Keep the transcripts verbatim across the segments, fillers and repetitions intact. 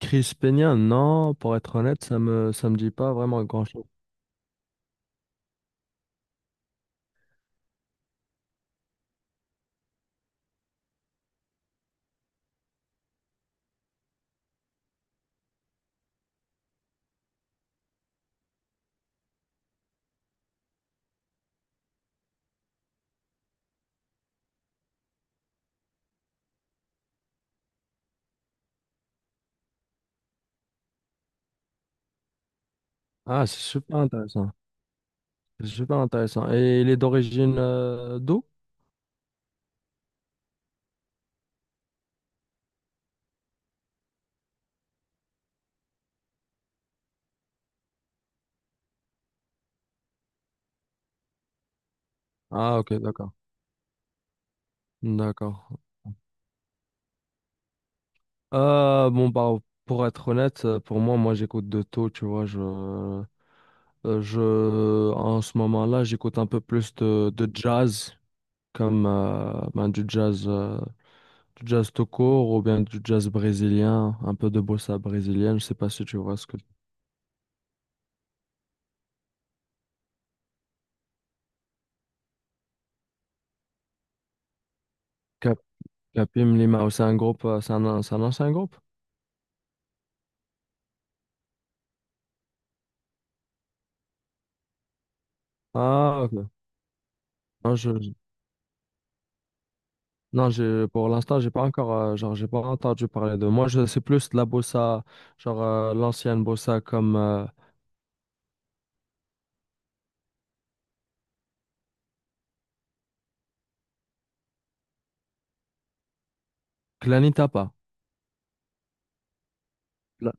Chris Peña, non, pour être honnête, ça me, ça me dit pas vraiment grand-chose. Ah, c'est super intéressant. C'est super intéressant. Et il est d'origine euh, d'où? Ah, ok, d'accord. D'accord. Euh, bon, bah, pour être honnête, euh, pour moi, moi, j'écoute de tout, tu vois. Je, euh, je, en ce moment-là, j'écoute un peu plus de, de jazz, comme euh, ben, du jazz, euh, du jazz tout court ou bien du jazz brésilien, un peu de bossa brésilienne. Je sais pas si tu vois ce que. La Pim Lima, oh, c'est un groupe, euh, c'est un, an- c'est un ancien groupe? Ah, ok. Non, je, je- non, j'ai- pour l'instant, j'ai pas encore, euh, genre, j'ai pas entendu parler de. Moi, je, c'est plus de la bossa, genre, euh, l'ancienne bossa comme euh, Planetapa. Pla-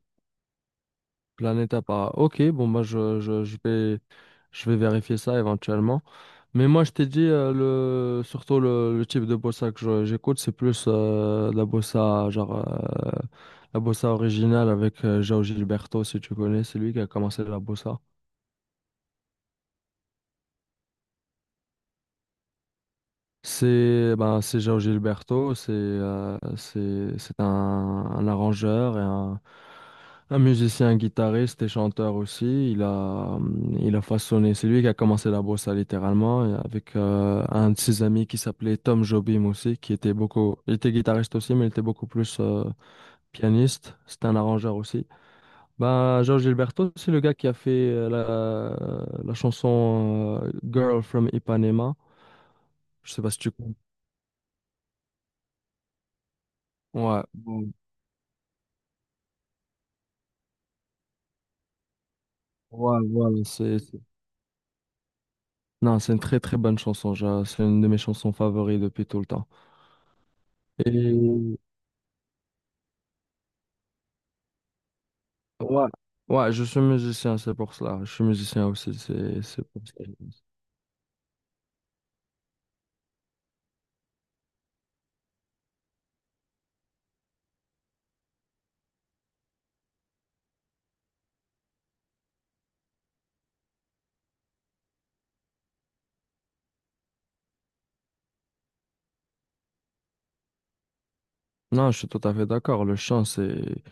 Planetapa. Ok, bon, bah, je, je, je vais, je vais vérifier ça éventuellement. Mais moi, je t'ai dit, euh, le, surtout le, le type de bossa que je- j'écoute, c'est plus euh, la bossa, genre, euh, la bossa originale avec euh, João Gilberto, si tu connais, c'est lui qui a commencé la bossa. C'est ben, c'est João Gilberto, c'est euh, c'est c'est un, un arrangeur et un, un musicien, guitariste et chanteur aussi. Il a hum, il a façonné, c'est lui qui a commencé la bossa littéralement et avec euh, un de ses amis qui s'appelait Tom Jobim aussi, qui était beaucoup, il était guitariste aussi, mais il était beaucoup plus euh, pianiste. C'était un arrangeur aussi. Ben, João Gilberto, c'est le gars qui a fait euh, la la chanson euh, Girl from Ipanema. Je sais pas si tu connais. Ouais. Voilà, voilà, c'est, c'est- non, c'est une très très bonne chanson. j'a- C'est une de mes chansons favorites depuis tout le temps. Et ouais, ouais, je suis musicien, c'est pour cela. Je suis musicien aussi, c'est c'est pour ça. Non, je suis tout à fait d'accord. Le chant, c'est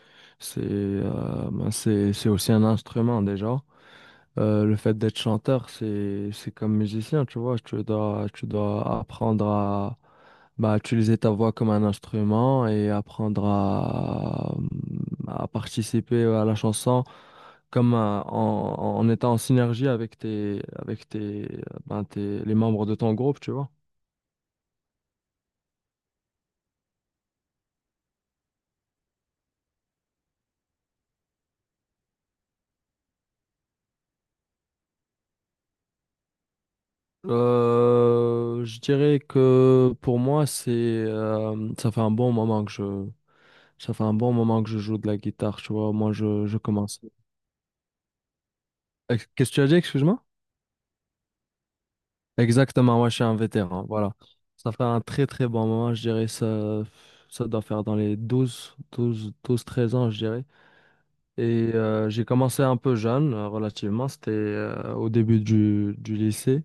c'est euh, ben, c'est c'est aussi un instrument déjà. Euh, le fait d'être chanteur, c'est c'est comme musicien, tu vois. Tu dois, tu dois apprendre à bah, utiliser ta voix comme un instrument et apprendre à, à participer à la chanson comme un- en, en étant en synergie avec tes, avec tes, ben, tes- les membres de ton groupe, tu vois. Euh, je dirais que pour moi, c'est euh, ça fait un bon moment que je ça fait un bon moment que je joue de la guitare, tu vois. Moi, je, je commence Ex- Qu'est-ce que tu as dit, excuse-moi? Exactement, moi je suis un vétéran, voilà. Ça fait un très très bon moment, je dirais ça, ça doit faire dans les douze douze douze treize ans, je dirais. Et euh, j'ai commencé un peu jeune, euh, relativement, c'était euh, au début du, du lycée.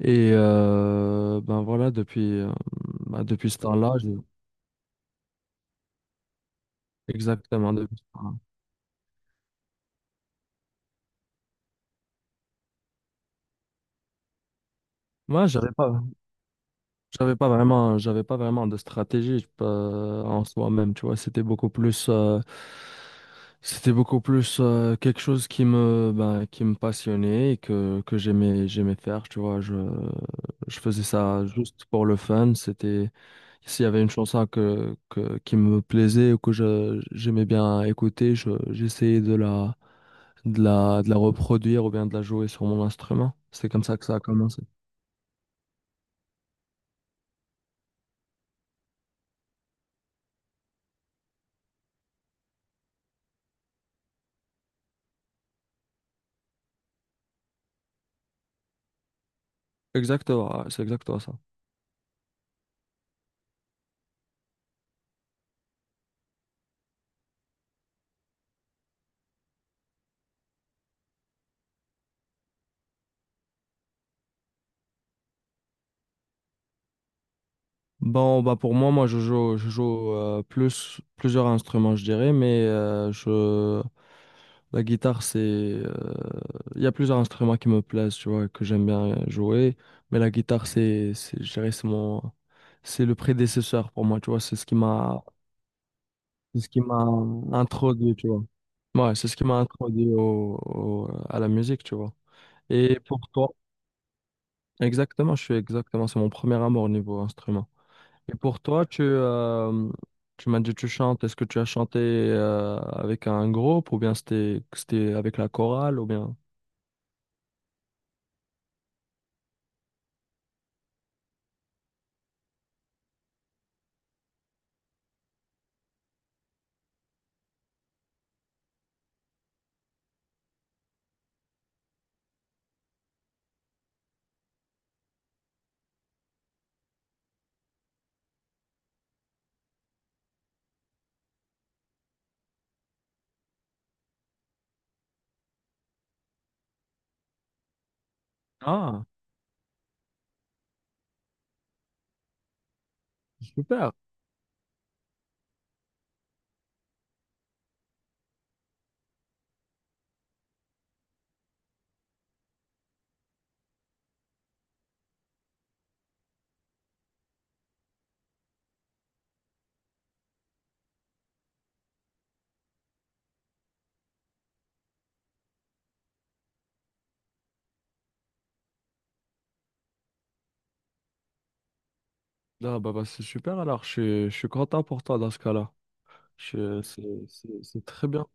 Et euh, ben voilà, depuis, euh, bah, depuis ce temps-là, j'ai- exactement, depuis ce temps-là. Moi, j'avais pas. J'avais pas vraiment, j'avais pas vraiment de stratégie euh, en soi-même, tu vois. C'était beaucoup plus, euh, c'était beaucoup plus euh, quelque chose qui me, ben, qui me passionnait et que, que j'aimais, j'aimais faire, tu vois. Je, je faisais ça juste pour le fun. C'était, s'il y avait une chanson que, que, qui me plaisait ou que je, j'aimais bien écouter, je, j'essayais de la, de la, de la reproduire ou bien de la jouer sur mon instrument. C'est comme ça que ça a commencé. Exactement, ouais, c'est exactement ça. Bon, bah pour moi, moi je joue, je joue euh, plus, plusieurs instruments, je dirais, mais euh, je, la guitare, c'est... euh, il y a plusieurs instruments qui me plaisent, tu vois, que j'aime bien jouer, mais la guitare, c'est, c'est, je dirais, c'est mon, c'est le prédécesseur pour moi, tu vois, c'est ce qui m'a, c'est ce qui m'a introduit, tu vois. Ouais, c'est ce qui m'a introduit au, au- à la musique, tu vois. Et pour toi, exactement, je suis exactement, c'est mon premier amour au niveau instrument. Et pour toi, tu, euh, tu m'as dit tu chantes. Est-ce que tu as chanté euh, avec un groupe ou bien c'était c'était avec la chorale ou bien... Ah, super. Ah, bah, bah, c'est super alors. Je suis, je suis content pour toi dans ce cas-là. Je- C'est c'est- c'est très bien.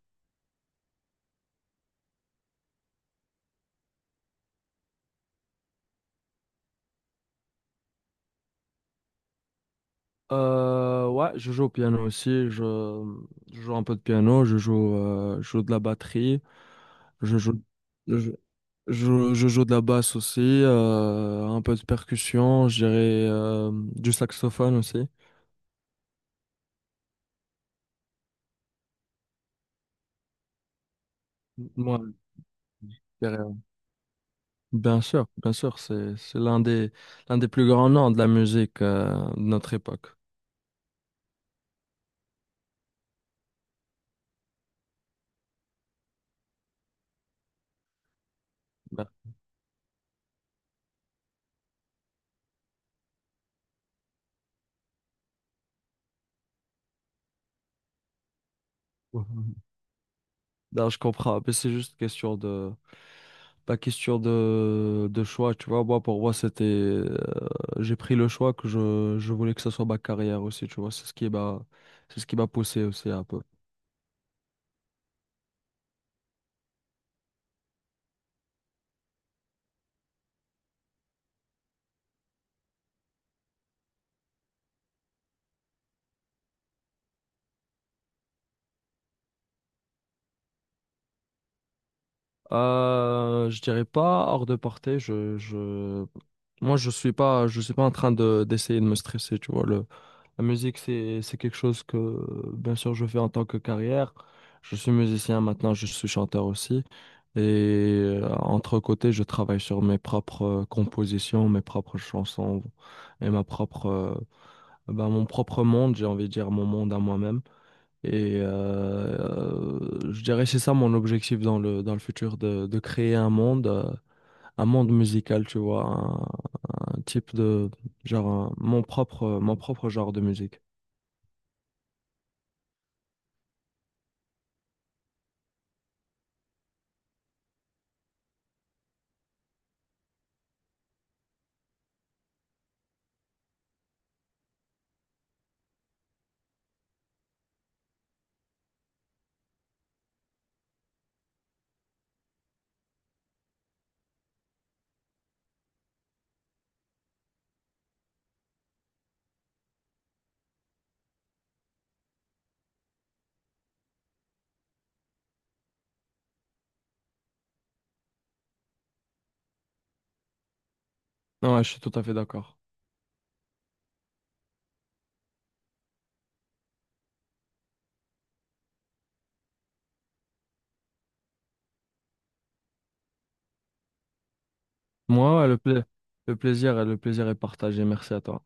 Euh, ouais, je joue au piano aussi. Je, je joue un peu de piano. Je joue, euh, je joue de la batterie. Je joue, je, je, je joue de la basse aussi. Euh, un peu de percussion. Je dirais euh, du saxophone aussi. Moi, je dirais, bien sûr, bien sûr, c'est c'est l'un des l'un des plus grands noms de la musique euh, de notre époque. Ben, mhm. Non, je comprends, mais c'est juste question de pas question de, de choix, tu vois. Moi, pour moi, c'était euh, j'ai pris le choix que je, je voulais que ce soit ma carrière aussi, tu vois. C'est ce qui m'a c'est ce qui m'a poussé aussi un peu. Euh, je dirais pas hors de portée. Je, je... Moi, je suis pas, je suis pas en train de, d'essayer de me stresser, tu vois. Le, la musique, c'est, c'est quelque chose que, bien sûr, je fais en tant que carrière. Je suis musicien maintenant, je suis chanteur aussi. Et euh, entre côtés, je travaille sur mes propres euh, compositions, mes propres chansons et ma propre, euh, ben, mon propre monde, j'ai envie de dire mon monde à moi-même. Et euh, euh, je dirais c'est ça mon objectif dans le, dans le futur, de, de créer un monde, euh, un monde musical, tu vois, un, un type de, genre, un- mon propre, mon propre genre de musique. Ouais, je suis tout à fait d'accord. Moi, ouais, le pla- le plaisir, le plaisir est partagé. Merci à toi.